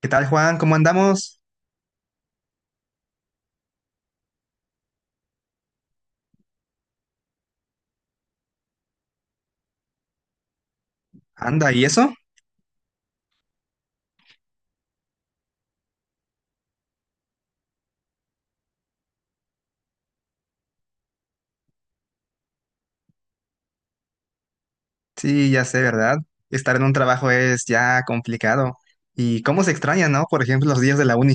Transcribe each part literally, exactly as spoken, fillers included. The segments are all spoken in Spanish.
¿Qué tal, Juan? ¿Cómo andamos? Anda, ¿y eso? Sí, ya sé, ¿verdad? Estar en un trabajo es ya complicado. ¿Y cómo se extraña, no? Por ejemplo, los días de la uni.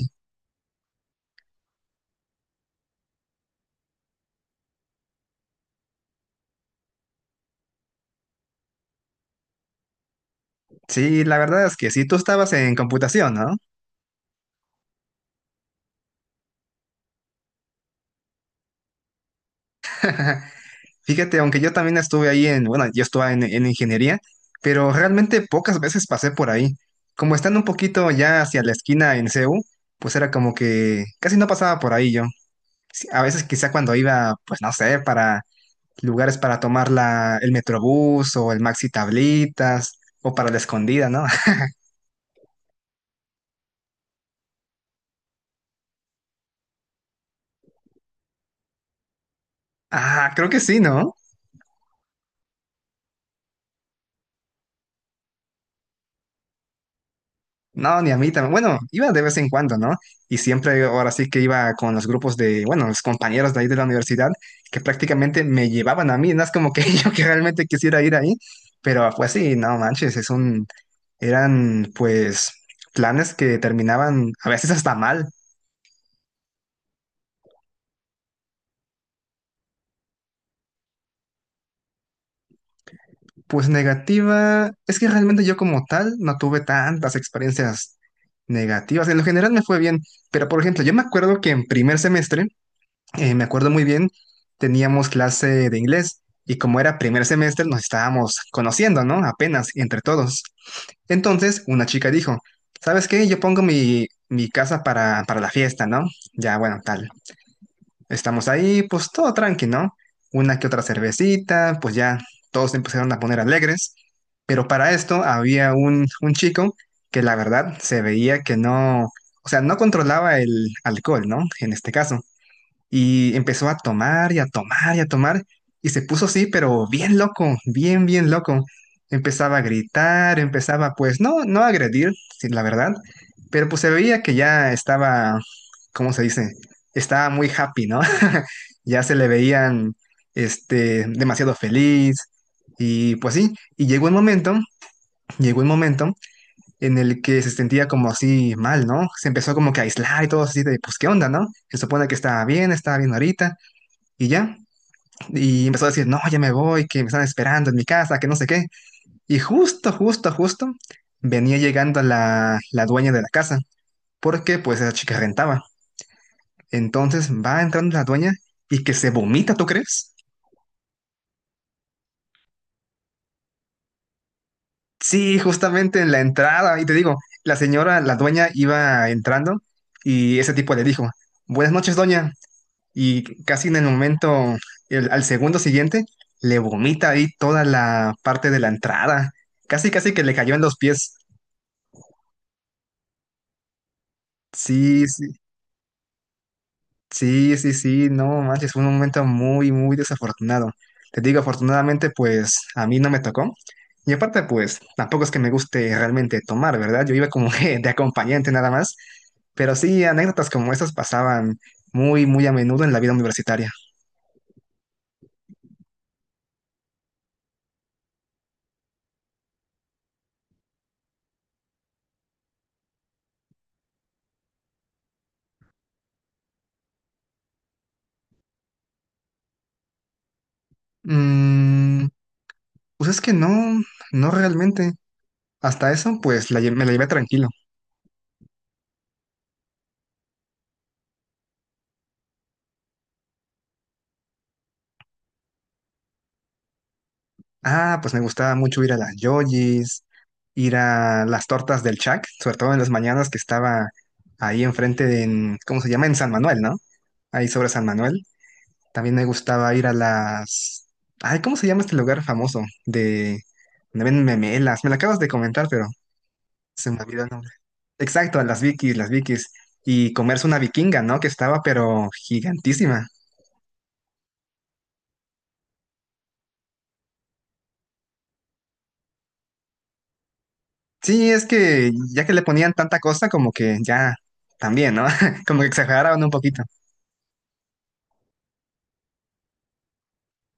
Sí, la verdad es que sí, tú estabas en computación, ¿no? Fíjate, aunque yo también estuve ahí en, bueno, yo estuve en, en ingeniería, pero realmente pocas veces pasé por ahí. Como estando un poquito ya hacia la esquina en C U, pues era como que casi no pasaba por ahí yo. Sí, a veces quizá cuando iba, pues no sé, para lugares para tomar la, el Metrobús o el Maxi Tablitas o para la escondida, ¿no? Ah, creo que sí, ¿no? No, ni a mí también. Bueno, iba de vez en cuando, ¿no? Y siempre, ahora sí que iba con los grupos de, bueno, los compañeros de ahí de la universidad, que prácticamente me llevaban a mí, no es como que yo que realmente quisiera ir ahí, pero pues sí, no manches, es un, eran pues planes que terminaban a veces hasta mal. Pues negativa, es que realmente yo como tal no tuve tantas experiencias negativas. En lo general me fue bien, pero por ejemplo, yo me acuerdo que en primer semestre, eh, me acuerdo muy bien, teníamos clase de inglés y como era primer semestre nos estábamos conociendo, ¿no? Apenas entre todos. Entonces una chica dijo, ¿sabes qué? Yo pongo mi, mi casa para, para la fiesta, ¿no? Ya, bueno, tal. Estamos ahí, pues todo tranqui, ¿no? Una que otra cervecita, pues ya todos se empezaron a poner alegres. Pero para esto había un, un chico que la verdad se veía que no, o sea, no controlaba el alcohol, ¿no? En este caso. Y empezó a tomar y a tomar y a tomar. Y se puso así, pero bien loco, bien, bien loco. Empezaba a gritar, empezaba pues no, no a agredir, sí, la verdad. Pero pues se veía que ya estaba, ¿cómo se dice? Estaba muy happy, ¿no? Ya se le veían, este, demasiado feliz. Y pues sí, y llegó un momento, llegó un momento en el que se sentía como así mal, ¿no? Se empezó como que a aislar y todo así de, pues, ¿qué onda, no? Se supone que estaba bien, estaba bien ahorita, y ya, y empezó a decir, no, ya me voy, que me están esperando en mi casa, que no sé qué. Y justo, justo, justo, venía llegando la, la dueña de la casa, porque pues esa chica rentaba. Entonces va entrando la dueña y que se vomita, ¿tú crees? Sí, justamente en la entrada, y te digo, la señora, la dueña iba entrando y ese tipo le dijo, buenas noches, doña, y casi en el momento, el- al segundo siguiente, le vomita ahí toda la parte de la entrada. Casi, casi que le cayó en los pies. Sí, sí, sí, sí, sí, no manches, fue un momento muy, muy desafortunado. Te digo, afortunadamente, pues a mí no me tocó. Y aparte, pues tampoco es que me guste realmente tomar, ¿verdad? Yo iba como que de acompañante nada más. Pero sí, anécdotas como esas pasaban muy, muy a menudo en la vida universitaria. Mm, pues es que no, no realmente. Hasta eso, pues la lle- me la llevé tranquilo. Ah, pues me gustaba mucho ir a las Yoyis, ir a las tortas del Chac, sobre todo en las mañanas que estaba ahí enfrente de, en- ¿cómo se llama? En San Manuel, ¿no? Ahí sobre San Manuel. También me gustaba ir a las... Ay, ¿cómo se llama este lugar famoso? De... donde venden memelas. Me lo acabas de comentar, pero se me olvidó el nombre. Exacto, a las Vikis, las Vikis. Y comerse una vikinga, ¿no? Que estaba, pero gigantísima. Sí, es que ya que le ponían tanta cosa, como que ya también, ¿no? Como que exageraban un poquito.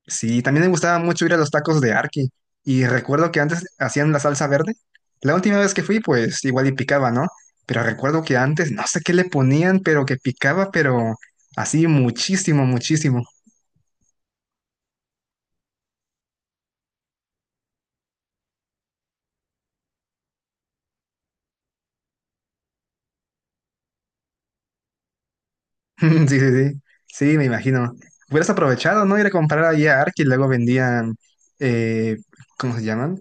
Sí, también me gustaba mucho ir a los tacos de Arki. Y recuerdo que antes hacían la salsa verde. La última vez que fui, pues igual y picaba, ¿no? Pero recuerdo que antes no sé qué le ponían, pero que picaba, pero así muchísimo, muchísimo. Sí, sí, sí. Sí, me imagino. Hubieras aprovechado, ¿no? Ir a comprar ahí a Ark y luego vendían, eh, ¿cómo se llaman?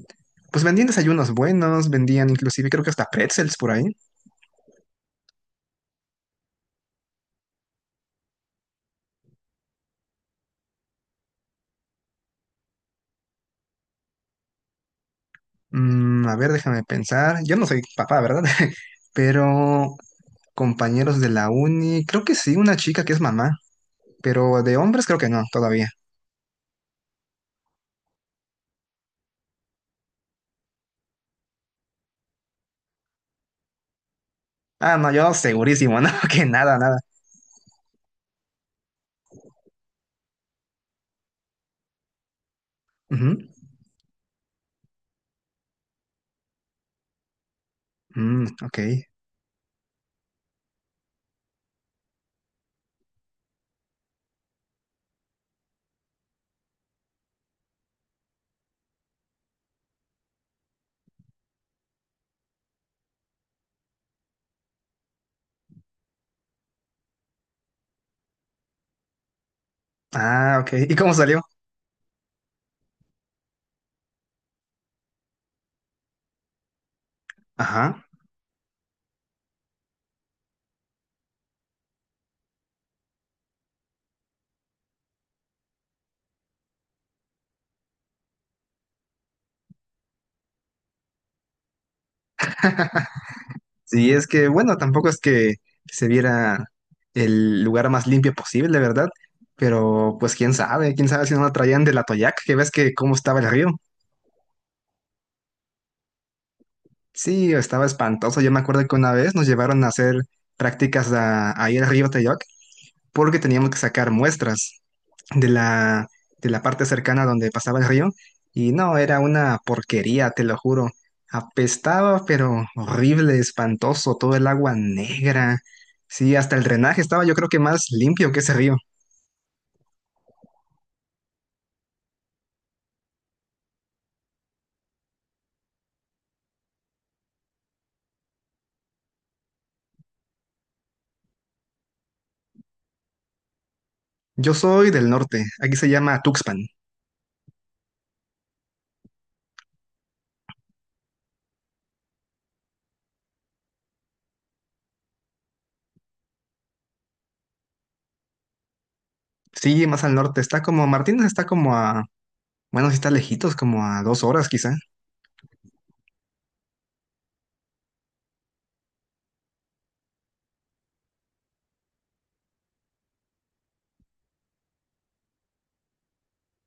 Pues vendían desayunos buenos, vendían inclusive creo que hasta pretzels por ahí. Mm, a ver, déjame pensar. Yo no soy papá, ¿verdad? Pero compañeros de la uni, creo que sí, una chica que es mamá, pero de hombres creo que no, todavía. Ah, no, yo segurísimo, no, que nada, nada. Ujú. Mm, ok. Ah, ok. ¿Y cómo salió? Ajá. Sí, es que, bueno, tampoco es que se viera el lugar más limpio posible, ¿verdad? Pero pues quién sabe, quién sabe si no lo traían del Atoyac, que ves que cómo estaba el río. Sí, estaba espantoso. Yo me acuerdo que una vez nos llevaron a hacer prácticas a- ahí al río Teyoc porque teníamos que sacar muestras de la, de la parte cercana donde pasaba el río y no, era una porquería, te lo juro. Apestaba, pero horrible, espantoso, todo el agua negra. Sí, hasta el drenaje estaba yo creo que más limpio que ese río. Yo soy del norte, aquí se llama Tuxpan. Sí, más al norte, está como, Martínez está como a, bueno, sí está lejitos, como a dos horas quizá.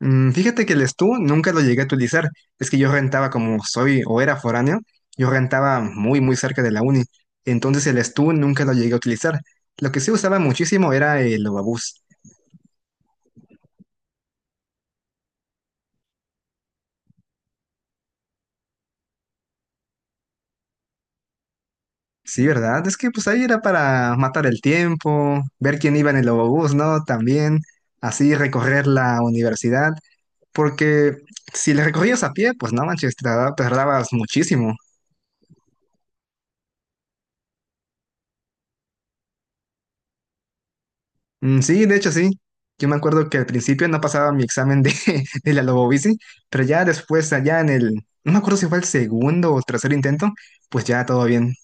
Mm, fíjate que el Stu nunca lo llegué a utilizar. Es que yo rentaba como soy o era foráneo, yo rentaba muy, muy cerca de la uni. Entonces el Stu nunca lo llegué a utilizar. Lo que sí usaba muchísimo era el Ovabús. Sí, ¿verdad? Es que pues ahí era para matar el tiempo, ver quién iba en el Ovabús, ¿no? También así recorrer la universidad. Porque si le recorrías a pie, pues no manches, te tarda- tardabas muchísimo. Mm, sí, de hecho sí. Yo me acuerdo que al principio no pasaba mi examen de, de la Lobobici, pero ya después, allá en el, no me acuerdo si fue el segundo o tercer intento, pues ya todo bien.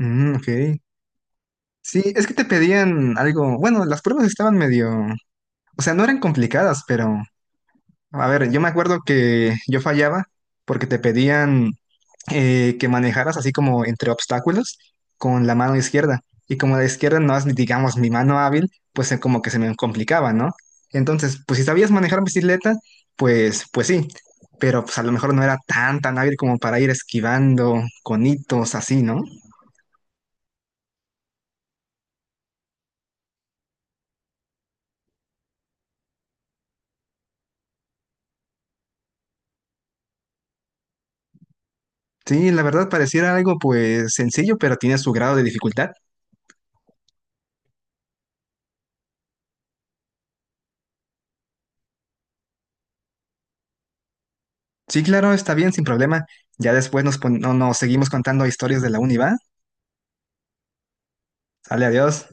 Mm, ok. Sí, es que te pedían algo, bueno, las pruebas estaban medio, o sea, no eran complicadas, pero, a ver, yo me acuerdo que yo fallaba porque te pedían eh, que manejaras así como entre obstáculos con la mano izquierda. Y como la izquierda no es, digamos, mi mano hábil, pues eh, como que se me complicaba, ¿no? Entonces, pues si sabías manejar bicicleta, pues, pues sí, pero pues a lo mejor no era tan, tan hábil como para ir esquivando conitos así, ¿no? Sí, la verdad pareciera algo pues sencillo, pero tiene su grado de dificultad. Sí, claro, está bien, sin problema. Ya después nos, pon- no, nos seguimos contando historias de la uni, ¿va? Sale, adiós.